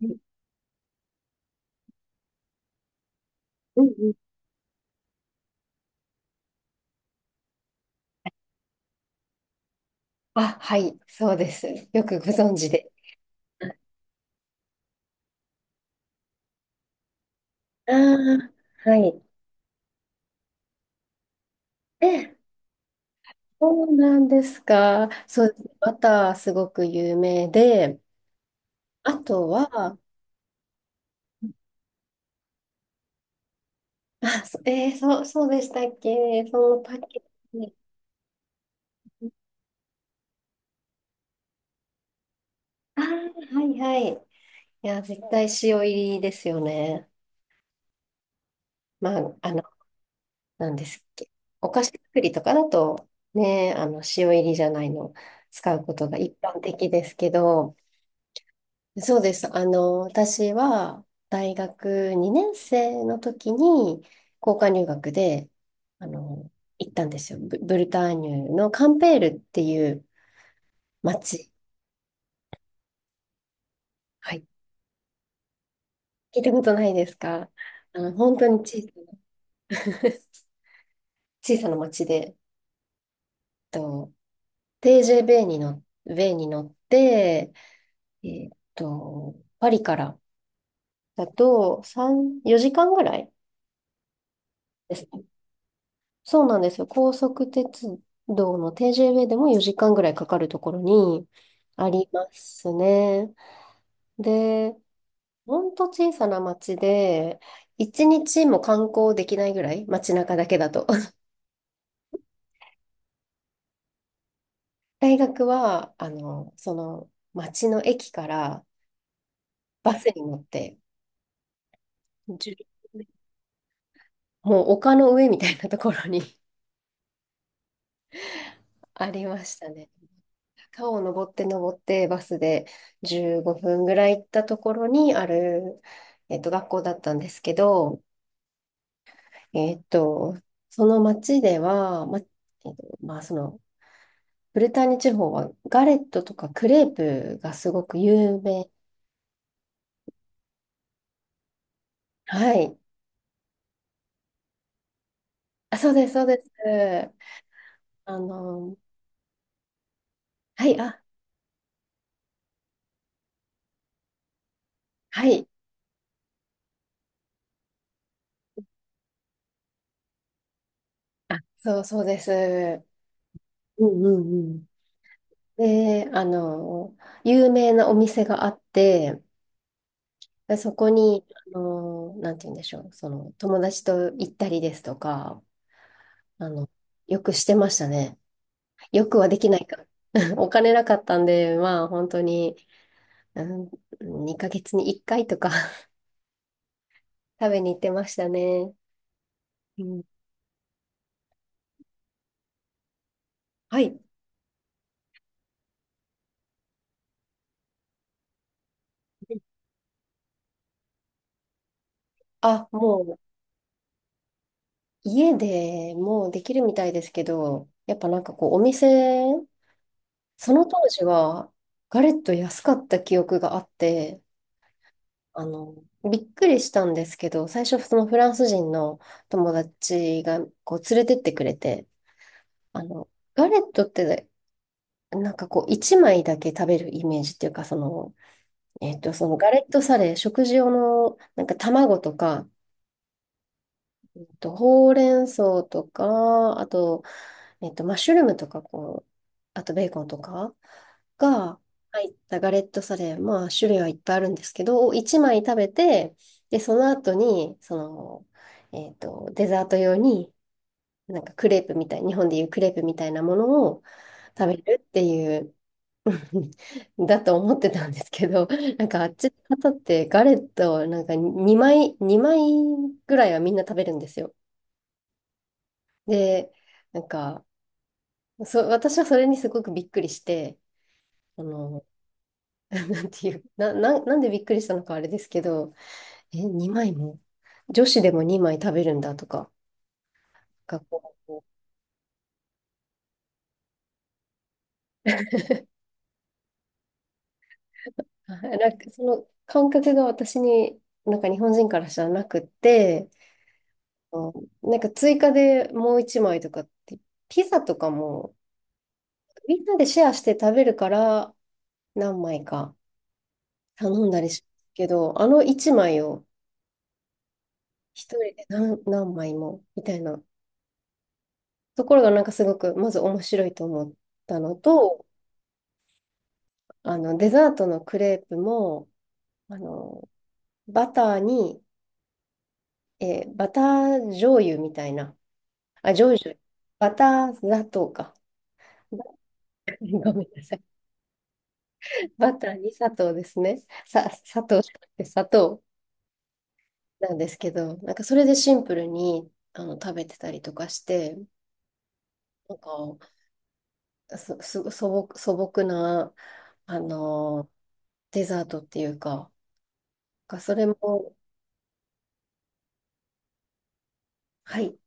うんうん、あ、はい、そうです。よくご存知で。ああはい。え、そうなんですか。そうですね。バターすごく有名で、あとは、あ、そえーそう、そうでしたっけそのパッケージ。ああはいはい。いや、絶対塩入りですよね。まあ、なんですっけ。お菓子作りとかだと、ね、塩入りじゃないの使うことが一般的ですけど、そうです。私は大学2年生の時に交換留学で、あの、行ったんですよ。ブルターニュのカンペールっていう町。はい。聞いたことないですか？本当に小さな 小さな町で、と、TJ ベイに乗って、えっと、パリからだと3、4時間ぐらいです。そうなんですよ。高速鉄道の TJB でも4時間ぐらいかかるところにありますね。で、ほんと小さな町で、一日も観光できないぐらい、街中だけだと。大学は、その町の駅からバスに乗って、じゅうもう丘の上みたいなところに ありましたね。川を登って登ってバスで15分ぐらい行ったところにある、学校だったんですけど、えっと、その町では、と、まあ、その、ブルターニュ地方はガレットとかクレープがすごく有名。はい。あ、そうです、そうです。あの、はい、あ、はい。あ、そう、そうです。うんうんうん。で、有名なお店があって、でそこに、なんて言うんでしょう、その、友達と行ったりですとか、あの、よくしてましたね。よくはできないか。お金なかったんで、まあ、本当に、うん、2ヶ月に1回とか 食べに行ってましたね。うん、はい。あ、もう、家でもうできるみたいですけど、やっぱなんかこう、お店、その当時は、ガレット安かった記憶があって、あの、びっくりしたんですけど、最初そのフランス人の友達がこう連れてってくれて、あの、ガレットってなんかこう一枚だけ食べるイメージっていうか、その、そのガレットサレ、食事用のなんか卵とか、ほうれん草とか、あとマッシュルームとか、こう、あとベーコンとかが入ったガレットサレ、まあ、種類はいっぱいあるんですけど、1枚食べて、で、その後に、デザート用に、なんかクレープみたい、日本でいうクレープみたいなものを食べるっていう、だと思ってたんですけど、なんかあっちの方ってガレットをなんか2枚、2枚ぐらいはみんな食べるんですよ。で、なんか、私はそれにすごくびっくりして、その、なんていう、なんでびっくりしたのかあれですけど、え、2枚も、女子でも2枚食べるんだとか、学校。あなんかその感覚が私に、なんか日本人からしたらなくって、あのなんか追加でもう1枚とかって、ピザとかも、みんなでシェアして食べるから、何枚か頼んだりしますけど、あの1枚を一人で何枚も、みたいなところがなんかすごく、まず面白いと思ったのと、デザートのクレープも、あの、バターに、バター醤油みたいな、あ、醤油、バター砂糖か。バ ごめんなさい。バターに砂糖ですね。砂糖じゃなくて砂糖なんですけど、なんかそれでシンプルに食べてたりとかして、なんか素朴な、あの、デザートっていうか、それも、はい、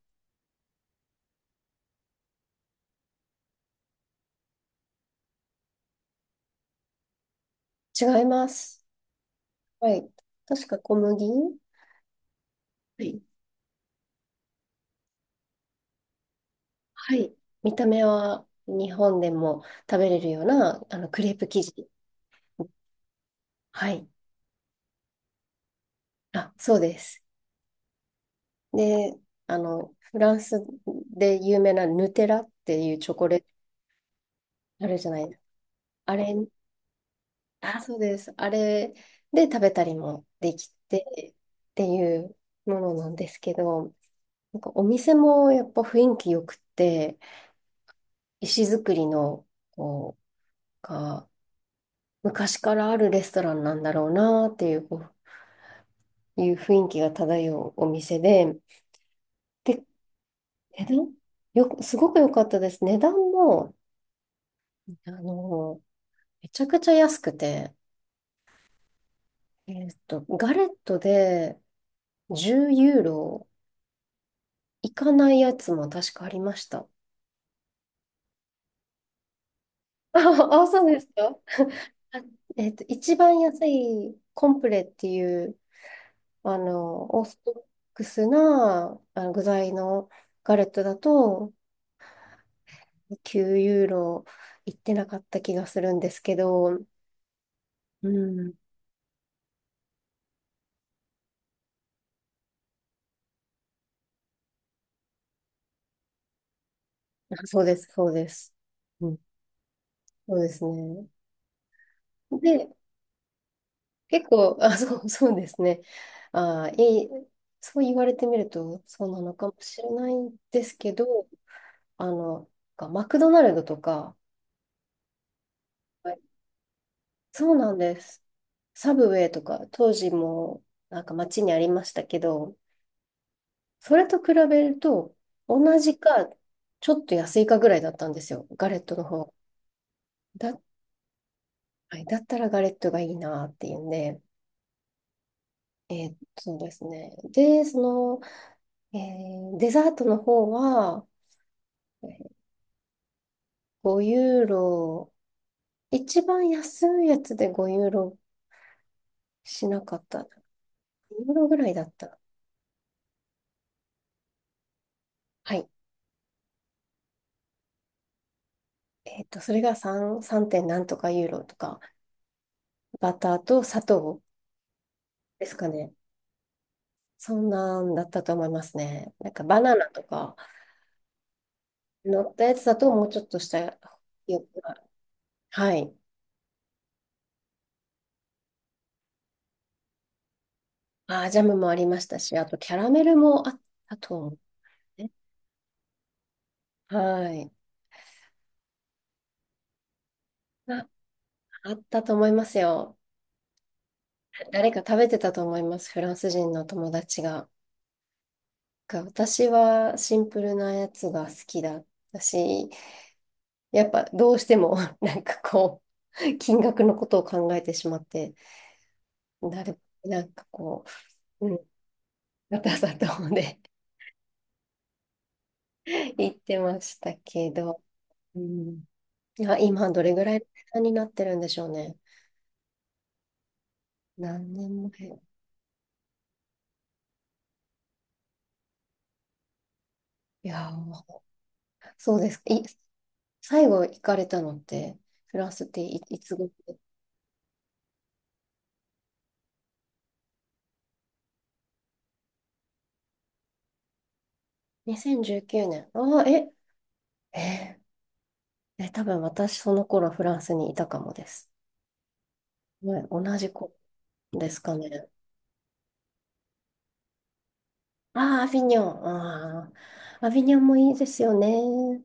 違います。はい。確か小麦はい。はい見た目は日本でも食べれるような、クレープ生地。はい。あ、そうです。で、フランスで有名なヌテラっていうチョコレートあるじゃないですか。あれ、あ、そうです。あれで食べたりもできてっていうものなんですけど、なんかお店もやっぱ雰囲気よくて、石造りの、こう、昔からあるレストランなんだろうなっていうこういう雰囲気が漂うお店で、で、値段よく、すごく良かったです。値段も、あの、めちゃくちゃ安くて、ガレットで10ユーロいかないやつも確かありました。あそうですか。あ一番安いコンプレっていう、オーソドックスなあの具材のガレットだと、9ユーロいってなかった気がするんですけど、うん。あそうです、そうです。うん。そうですね。で、結構、あ、そう、そうですね。あ、そう言われてみると、そうなのかもしれないんですけど、あの、マクドナルドとか、はいそうなんです。サブウェイとか、当時も、なんか街にありましたけど、それと比べると、同じか、ちょっと安いかぐらいだったんですよ、ガレットの方。だ、はい、だったらガレットがいいなっていうんで、そうですね。で、その、デザートの方は、えー5ユーロ、一番安いやつで5ユーロしなかった。2ユーロぐらいだった。はい。それが3点なんとかユーロとか、バターと砂糖ですかね。そんなんだったと思いますね。なんかバナナとか乗ったやつだともうちょっとしたよくある。はい。ジャムもありましたし、あとキャラメルもあったと思うね。はい。ああったと思いますよ。誰か食べてたと思います。フランス人の友達が。が私はシンプルなやつが好きだったし、やっぱどうしても なんかこう、金額のことを考えてしまって、なる、なんかこう、うん、ガタガタで 言ってましたけど、うん、あ、今どれぐらいの値段になってるんでしょうね。何年前。いやー、そうですか。最後行かれたのって、フランスっていつ頃？2019年。ああ、え、えー、え、多分私その頃フランスにいたかもです。ね、同じ子ですかね。ああ、アビニョン。ああ、アビニョンもいいですよね。